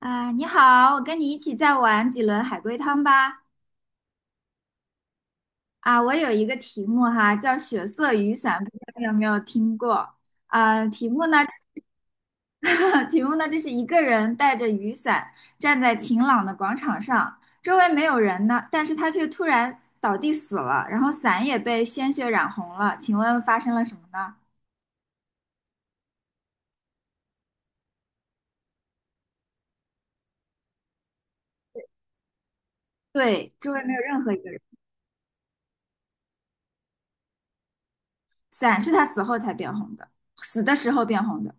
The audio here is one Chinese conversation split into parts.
啊，你好，我跟你一起再玩几轮海龟汤吧。啊，我有一个题目哈，叫血色雨伞，不知道你有没有听过？啊，题目呢，题目呢，就是一个人带着雨伞站在晴朗的广场上，周围没有人呢，但是他却突然倒地死了，然后伞也被鲜血染红了。请问发生了什么呢？对，周围没有任何一个人，伞是他死后才变红的，死的时候变红的，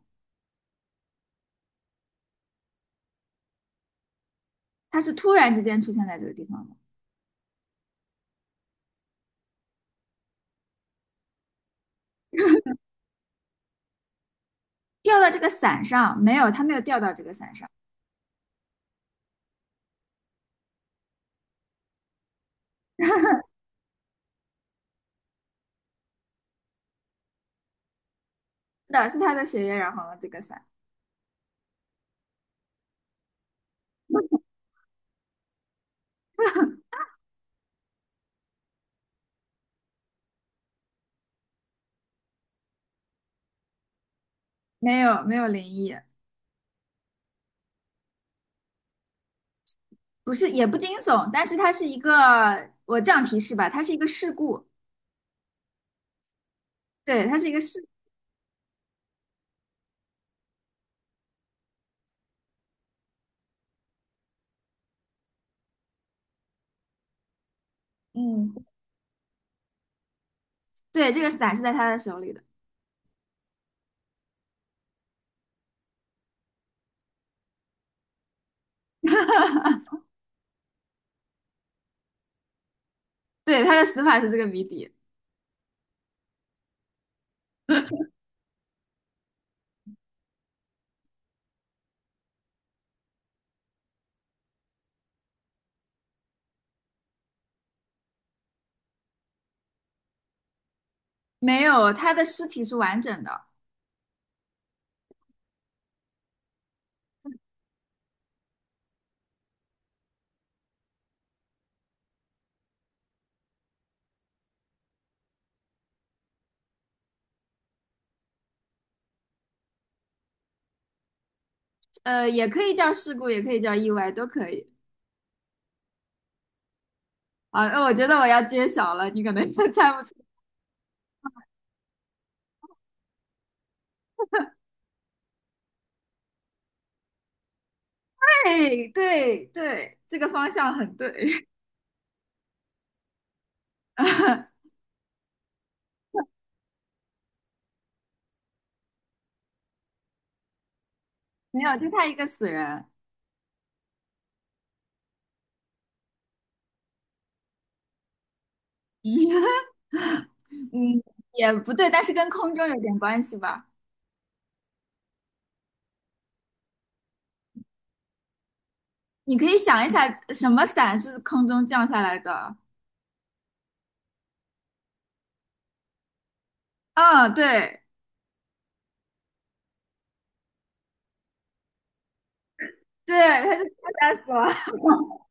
他是突然之间出现在这个地方的。掉到这个伞上，没有，他没有掉到这个伞上，是的，是他的血液染红了这个伞，没有，没有灵异，不是，也不惊悚，但是它是一个，我这样提示吧，它是一个事故，对，它是一个事，嗯，对，这个伞是在他的手里的，对，他的死法是这个谜底，没有，他的尸体是完整的，也可以叫事故，也可以叫意外，都可以。啊，那我觉得我要揭晓了，你可能就 猜不出。对对对，这个方向很对，没有，就他一个死人。嗯，也不对，但是跟空中有点关系吧。你可以想一下，什么伞是空中降下来的？啊、对对，它是跳下死亡。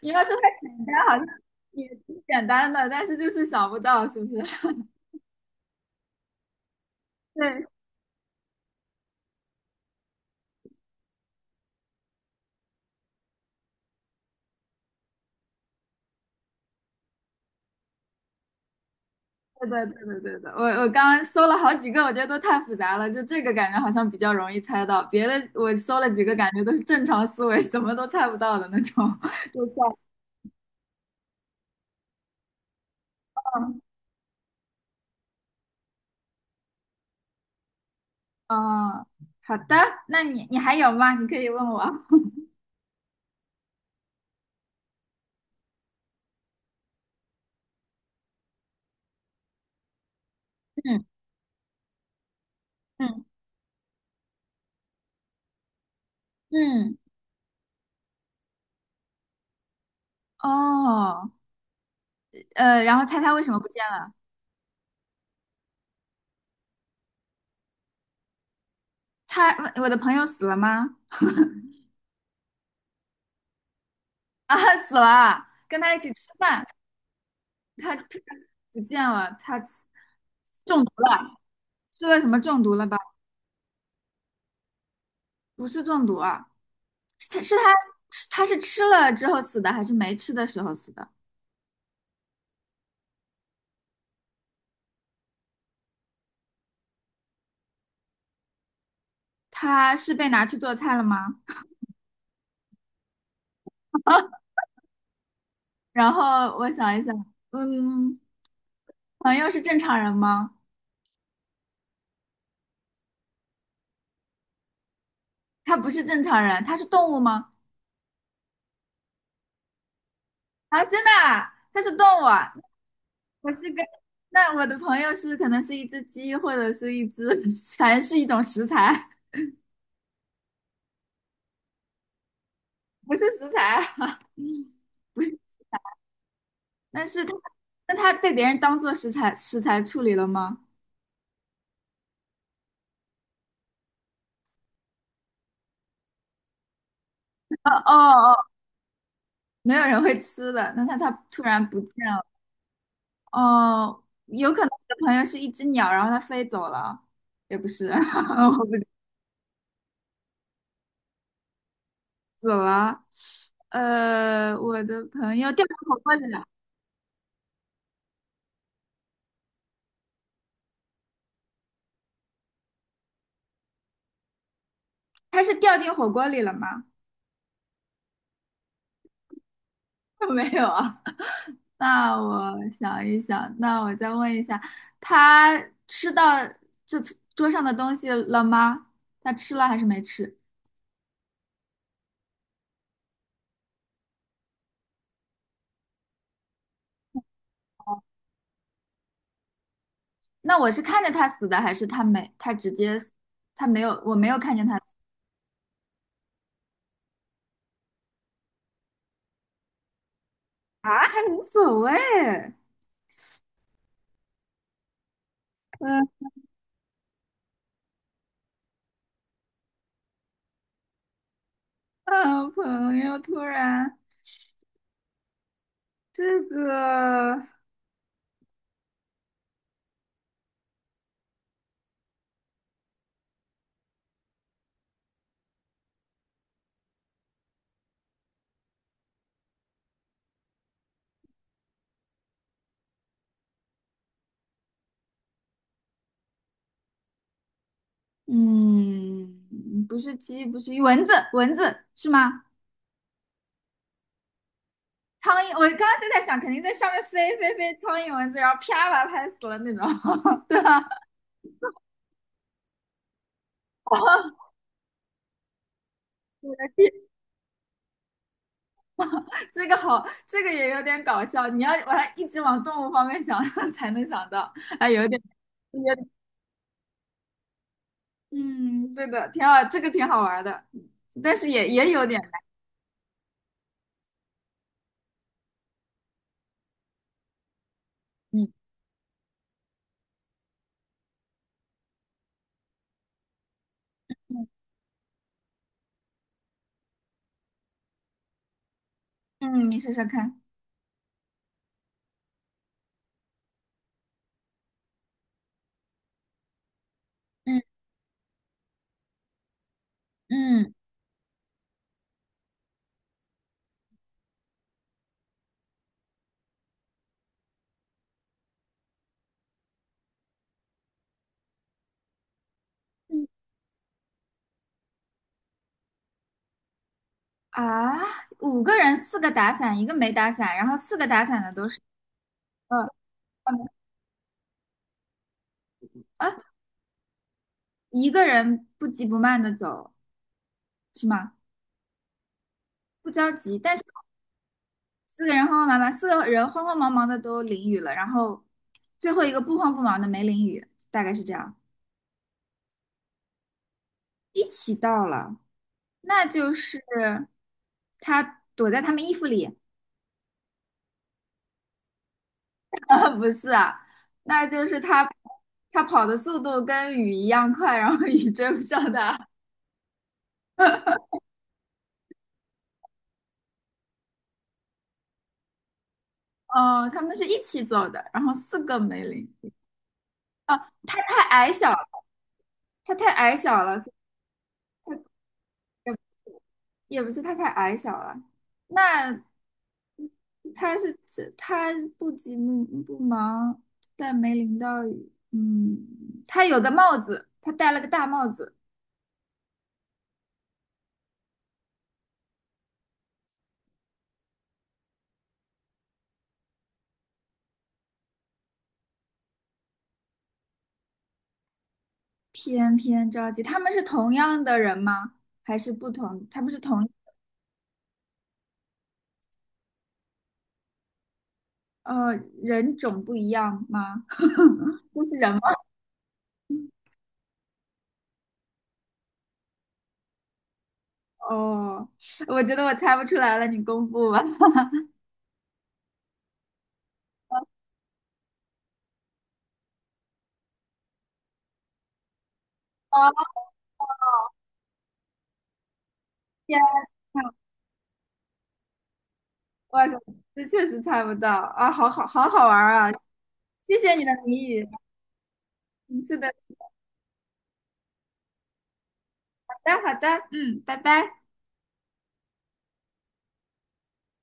你要说它简单，好像也挺简单的，但是就是想不到，是不是？对，对对，对对，对的。我刚刚搜了好几个，我觉得都太复杂了，就这个感觉好像比较容易猜到，别的我搜了几个，感觉都是正常思维，怎么都猜不到的那种，就算了。哦，好的，那你还有吗？你可以问我。嗯嗯嗯，哦，然后猜他为什么不见了？他，我的朋友死了吗？啊，死了，跟他一起吃饭，他突然不见了，他中毒了，吃了什么中毒了吧？不是中毒啊，是他是他吃他是吃了之后死的，还是没吃的时候死的？他是被拿去做菜了吗？然后我想一想，嗯，朋友是正常人吗？他不是正常人，他是动物吗？啊，真的啊，它是动物啊。我是跟，那我的朋友是可能是一只鸡，或者是一只，反正是一种食材，不是食材啊 不是。但是它，那他被别人当做食材处理了吗？哦哦哦，没有人会吃的。那他突然不见了，哦，有可能我的朋友是一只鸟，然后它飞走了，也不是，我不知走了。我的朋友掉到火锅里了。他是掉进火锅里了吗？没有啊。那我想一想，那我再问一下，他吃到这次桌上的东西了吗？他吃了还是没吃？那我是看着他死的，还是他没？他直接死，他没有，我没有看见他死啊，还无所谓。嗯嗯，朋友突然这个，嗯，不是鸡，不是鱼蚊子，蚊子是吗？苍蝇，我刚刚是在想，肯定在上面飞，苍蝇蚊子，然后啪把它拍死了那种，对吧？这个好，这个也有点搞笑。你要把它一直往动物方面想，才能想到。哎，有点，有点嗯，对的，挺好，这个挺好玩的，但是也也有点难。嗯嗯，嗯，你说说看。嗯嗯嗯啊，五个人，四个打伞，一个没打伞，然后四个打伞的都是，嗯啊，一个人不急不慢的走，是吗？不着急，但是。四个人慌慌忙忙，四个人慌慌忙忙的都淋雨了，然后最后一个不慌不忙的没淋雨，大概是这样。一起到了，那就是他躲在他们衣服里，啊，不是啊，那就是他他跑的速度跟雨一样快，然后雨追不上他。哦，他们是一起走的，然后四个没淋。啊，他太矮小了，他太矮小了，所以也不是他太矮小了。那他是这他不急不忙，但没淋到雨。嗯，他有个帽子，他戴了个大帽子，偏偏着急。他们是同样的人吗？还是不同？他们是同呃人种不一样吗？都是人吗？哦，我觉得我猜不出来了，你公布吧。哦，天呐，哇塞，这确实猜不到啊！好好好好玩啊！谢谢你的谜语。嗯，是的，好的，好的，嗯，拜拜。